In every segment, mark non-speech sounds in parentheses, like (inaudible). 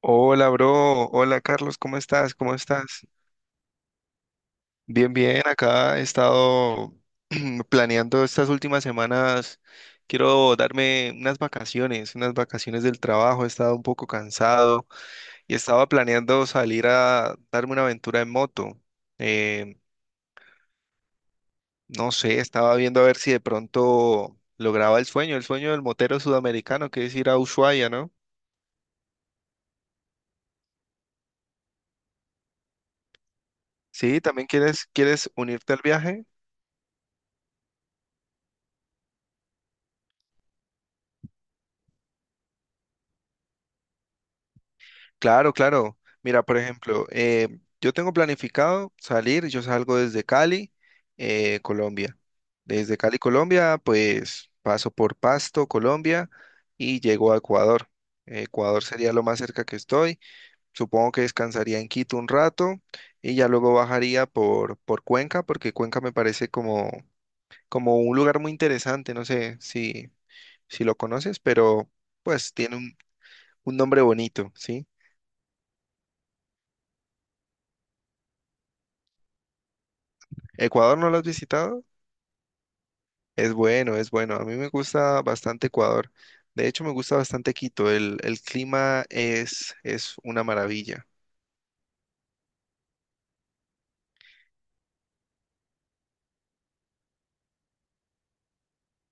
Hola, bro. Hola, Carlos. ¿Cómo estás? ¿Cómo estás? Bien, bien. Acá he estado (clears throat) planeando estas últimas semanas. Quiero darme unas vacaciones del trabajo. He estado un poco cansado y estaba planeando salir a darme una aventura en moto. Eh, no sé, estaba viendo a ver si de pronto lograba el sueño del motero sudamericano, que es ir a Ushuaia, ¿no? Sí, ¿también quieres unirte al viaje? Claro, claro. Mira, por ejemplo, yo tengo planificado salir, yo salgo desde Cali, Colombia. Desde Cali, Colombia, pues paso por Pasto, Colombia, y llego a Ecuador. Ecuador sería lo más cerca que estoy. Supongo que descansaría en Quito un rato y ya luego bajaría por Cuenca, porque Cuenca me parece como, como un lugar muy interesante. No sé si, si lo conoces, pero pues tiene un nombre bonito, ¿sí? ¿Ecuador no lo has visitado? Es bueno, es bueno. A mí me gusta bastante Ecuador. De hecho, me gusta bastante Quito. El clima es una maravilla.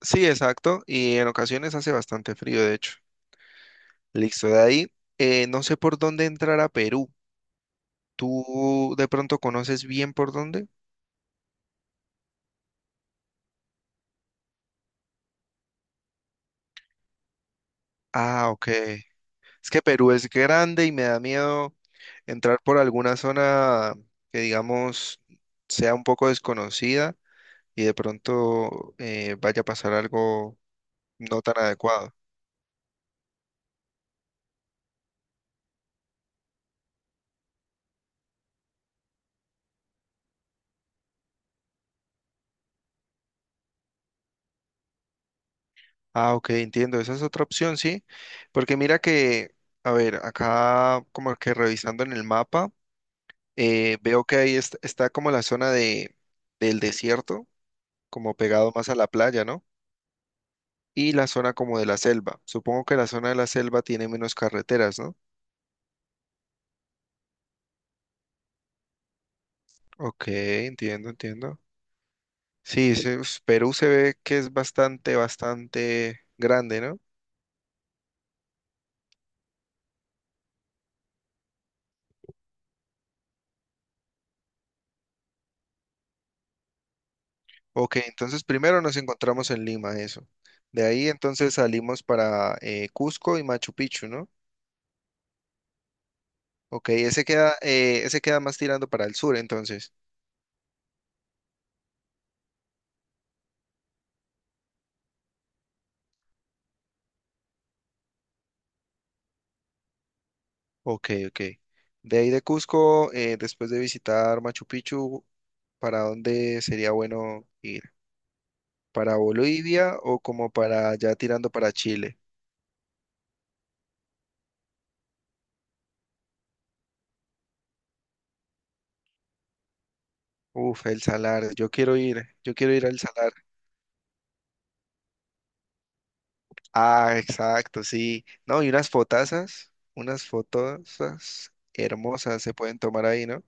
Sí, exacto. Y en ocasiones hace bastante frío, de hecho. Listo, de ahí, no sé por dónde entrar a Perú. ¿Tú de pronto conoces bien por dónde? Ah, ok. Es que Perú es grande y me da miedo entrar por alguna zona que, digamos, sea un poco desconocida y de pronto vaya a pasar algo no tan adecuado. Ah, ok, entiendo. Esa es otra opción, sí. Porque mira que, a ver, acá como que revisando en el mapa, veo que ahí está como la zona de, del desierto, como pegado más a la playa, ¿no? Y la zona como de la selva. Supongo que la zona de la selva tiene menos carreteras, ¿no? Ok, entiendo, entiendo. Sí, Perú se ve que es bastante, bastante grande, ¿no? Ok, entonces primero nos encontramos en Lima, eso. De ahí entonces salimos para Cusco y Machu Picchu, ¿no? Ok, ese queda más tirando para el sur, entonces. Ok, ok. De ahí de Cusco, después de visitar Machu Picchu, ¿para dónde sería bueno ir? ¿Para Bolivia o como para ya tirando para Chile? Uf, el Salar, yo quiero ir al Salar. Ah, exacto, sí. No, y unas fotazas, unas fotosas hermosas se pueden tomar ahí, ¿no?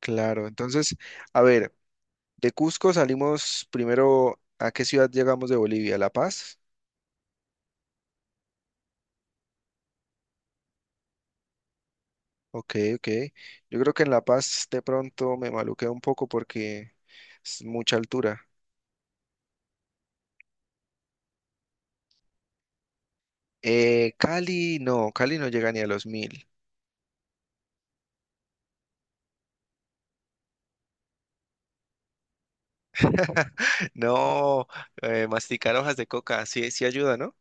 Claro, entonces, a ver, de Cusco salimos primero, ¿a qué ciudad llegamos de Bolivia? ¿La Paz? Ok, ok. Yo creo que en La Paz de pronto me maluqué un poco porque es mucha altura. Cali no llega ni a los 1000. (laughs) No, masticar hojas de coca, sí, sí ayuda, ¿no?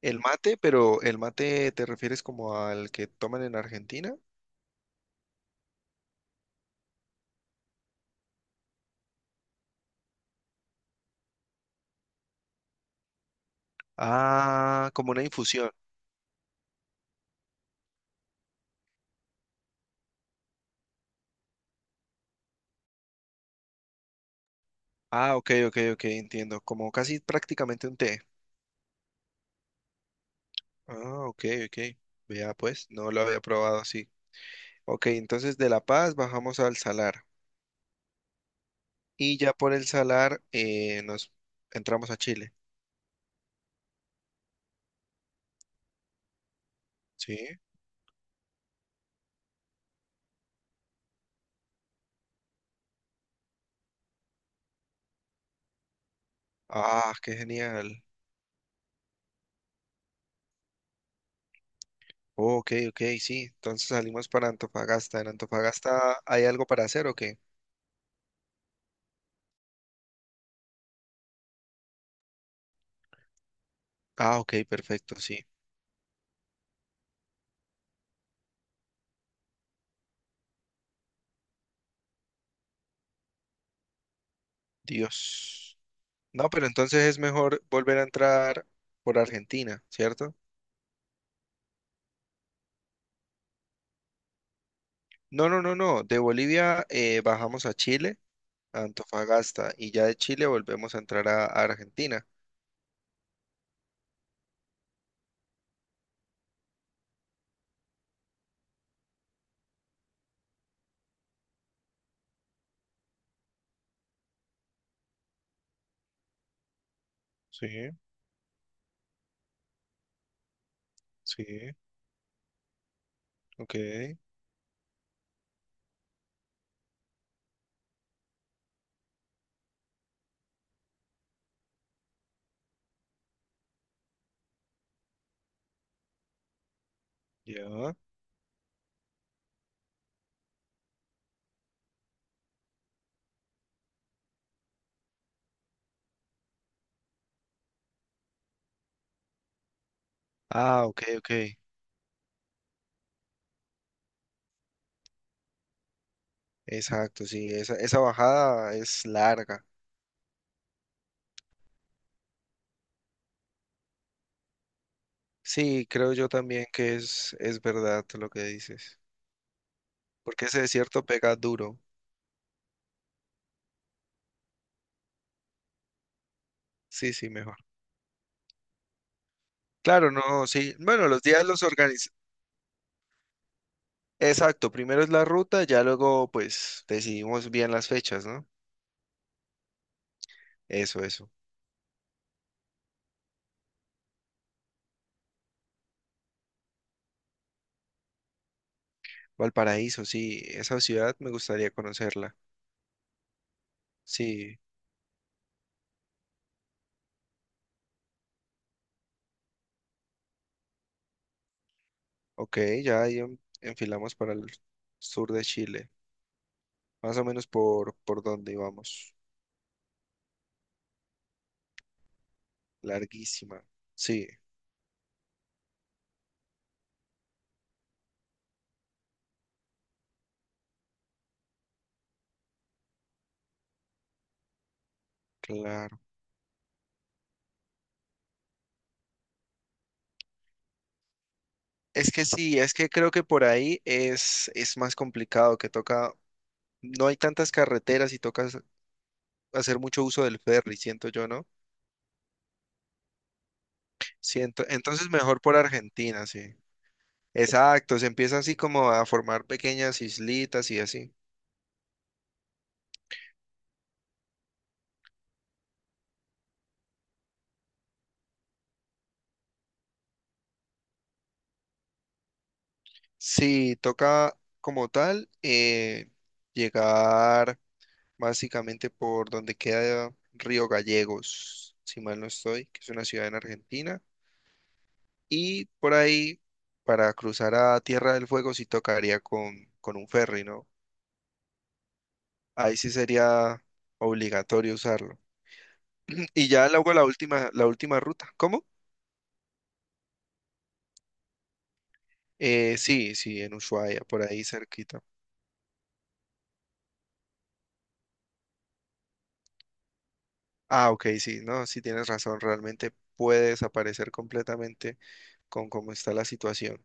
El mate, pero ¿el mate te refieres como al que toman en Argentina? Ah, como una infusión. Ah, ok, ok, ok, entiendo. Como casi prácticamente un té. Ah, ok, ok. Vea, pues, no lo había probado así. Ok, entonces de La Paz bajamos al Salar. Y ya por el Salar nos entramos a Chile. Sí. Ah, qué genial. Oh, ok, ok, sí. Entonces salimos para Antofagasta. ¿En Antofagasta hay algo para hacer o qué? Ah, ok, perfecto, sí. Dios. No, pero entonces es mejor volver a entrar por Argentina, ¿cierto? No, no, no, no. De Bolivia bajamos a Chile, a Antofagasta, y ya de Chile volvemos a entrar a Argentina. Sí, sí, ok, ya. Ah, ok, ok. Exacto, sí, esa bajada es larga. Sí, creo yo también que es verdad lo que dices, porque ese desierto pega duro. Sí, sí, mejor. Claro, no, sí. Bueno, los días los organizamos. Exacto, primero es la ruta, ya luego pues decidimos bien las fechas, ¿no? Eso, eso. Valparaíso, sí, esa ciudad me gustaría conocerla. Sí, ok, ya ahí enfilamos para el sur de Chile, más o menos por donde íbamos. Larguísima, sí, claro. Es que sí, es que creo que por ahí es más complicado, que toca, no hay tantas carreteras y toca hacer mucho uso del ferry, siento yo, ¿no? Siento, entonces mejor por Argentina, sí. Exacto, se empieza así como a formar pequeñas islitas y así. Sí, toca como tal llegar básicamente por donde queda Río Gallegos, si mal no estoy, que es una ciudad en Argentina. Y por ahí, para cruzar a Tierra del Fuego, sí tocaría con un ferry, ¿no? Ahí sí sería obligatorio usarlo. (laughs) Y ya luego la última ruta. ¿Cómo? Sí, sí, en Ushuaia, por ahí cerquita. Ah, ok, sí, no, sí tienes razón, realmente puede desaparecer completamente con cómo está la situación.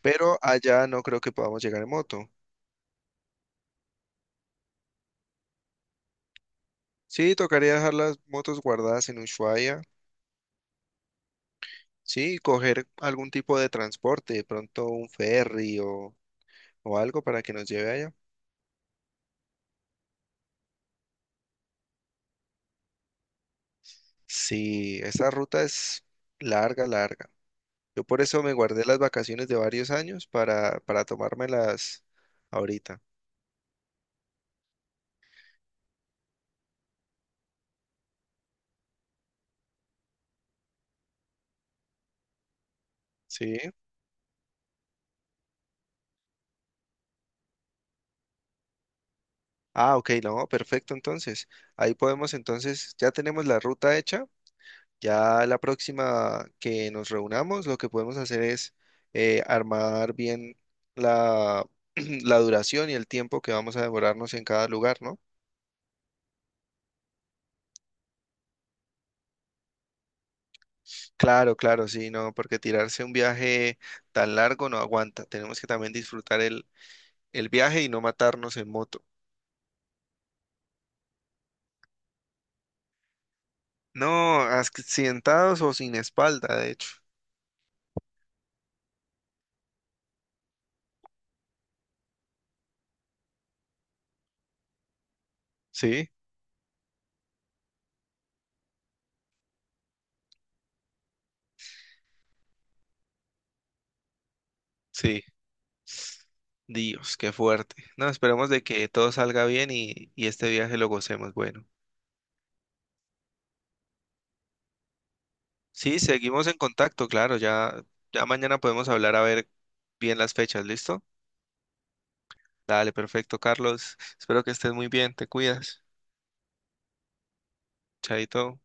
Pero allá no creo que podamos llegar en moto. Sí, tocaría dejar las motos guardadas en Ushuaia, sí, y coger algún tipo de transporte, de pronto un ferry o algo para que nos lleve allá. Sí, esa ruta es larga, larga. Yo por eso me guardé las vacaciones de varios años para tomármelas ahorita. Sí. Ah, ok, no, perfecto, entonces. Ahí podemos, entonces, ya tenemos la ruta hecha. Ya la próxima que nos reunamos, lo que podemos hacer es armar bien la, (clears throat) la duración y el tiempo que vamos a demorarnos en cada lugar, ¿no? Claro, claro, sí, no, porque tirarse un viaje tan largo no aguanta. Tenemos que también disfrutar el viaje y no matarnos en moto. No, accidentados o sin espalda, de hecho. Sí, sí. Dios, qué fuerte. No, esperemos de que todo salga bien y este viaje lo gocemos. Bueno, sí, seguimos en contacto, claro, ya, ya mañana podemos hablar a ver bien las fechas, ¿listo? Dale, perfecto, Carlos. Espero que estés muy bien, te cuidas. Chaito.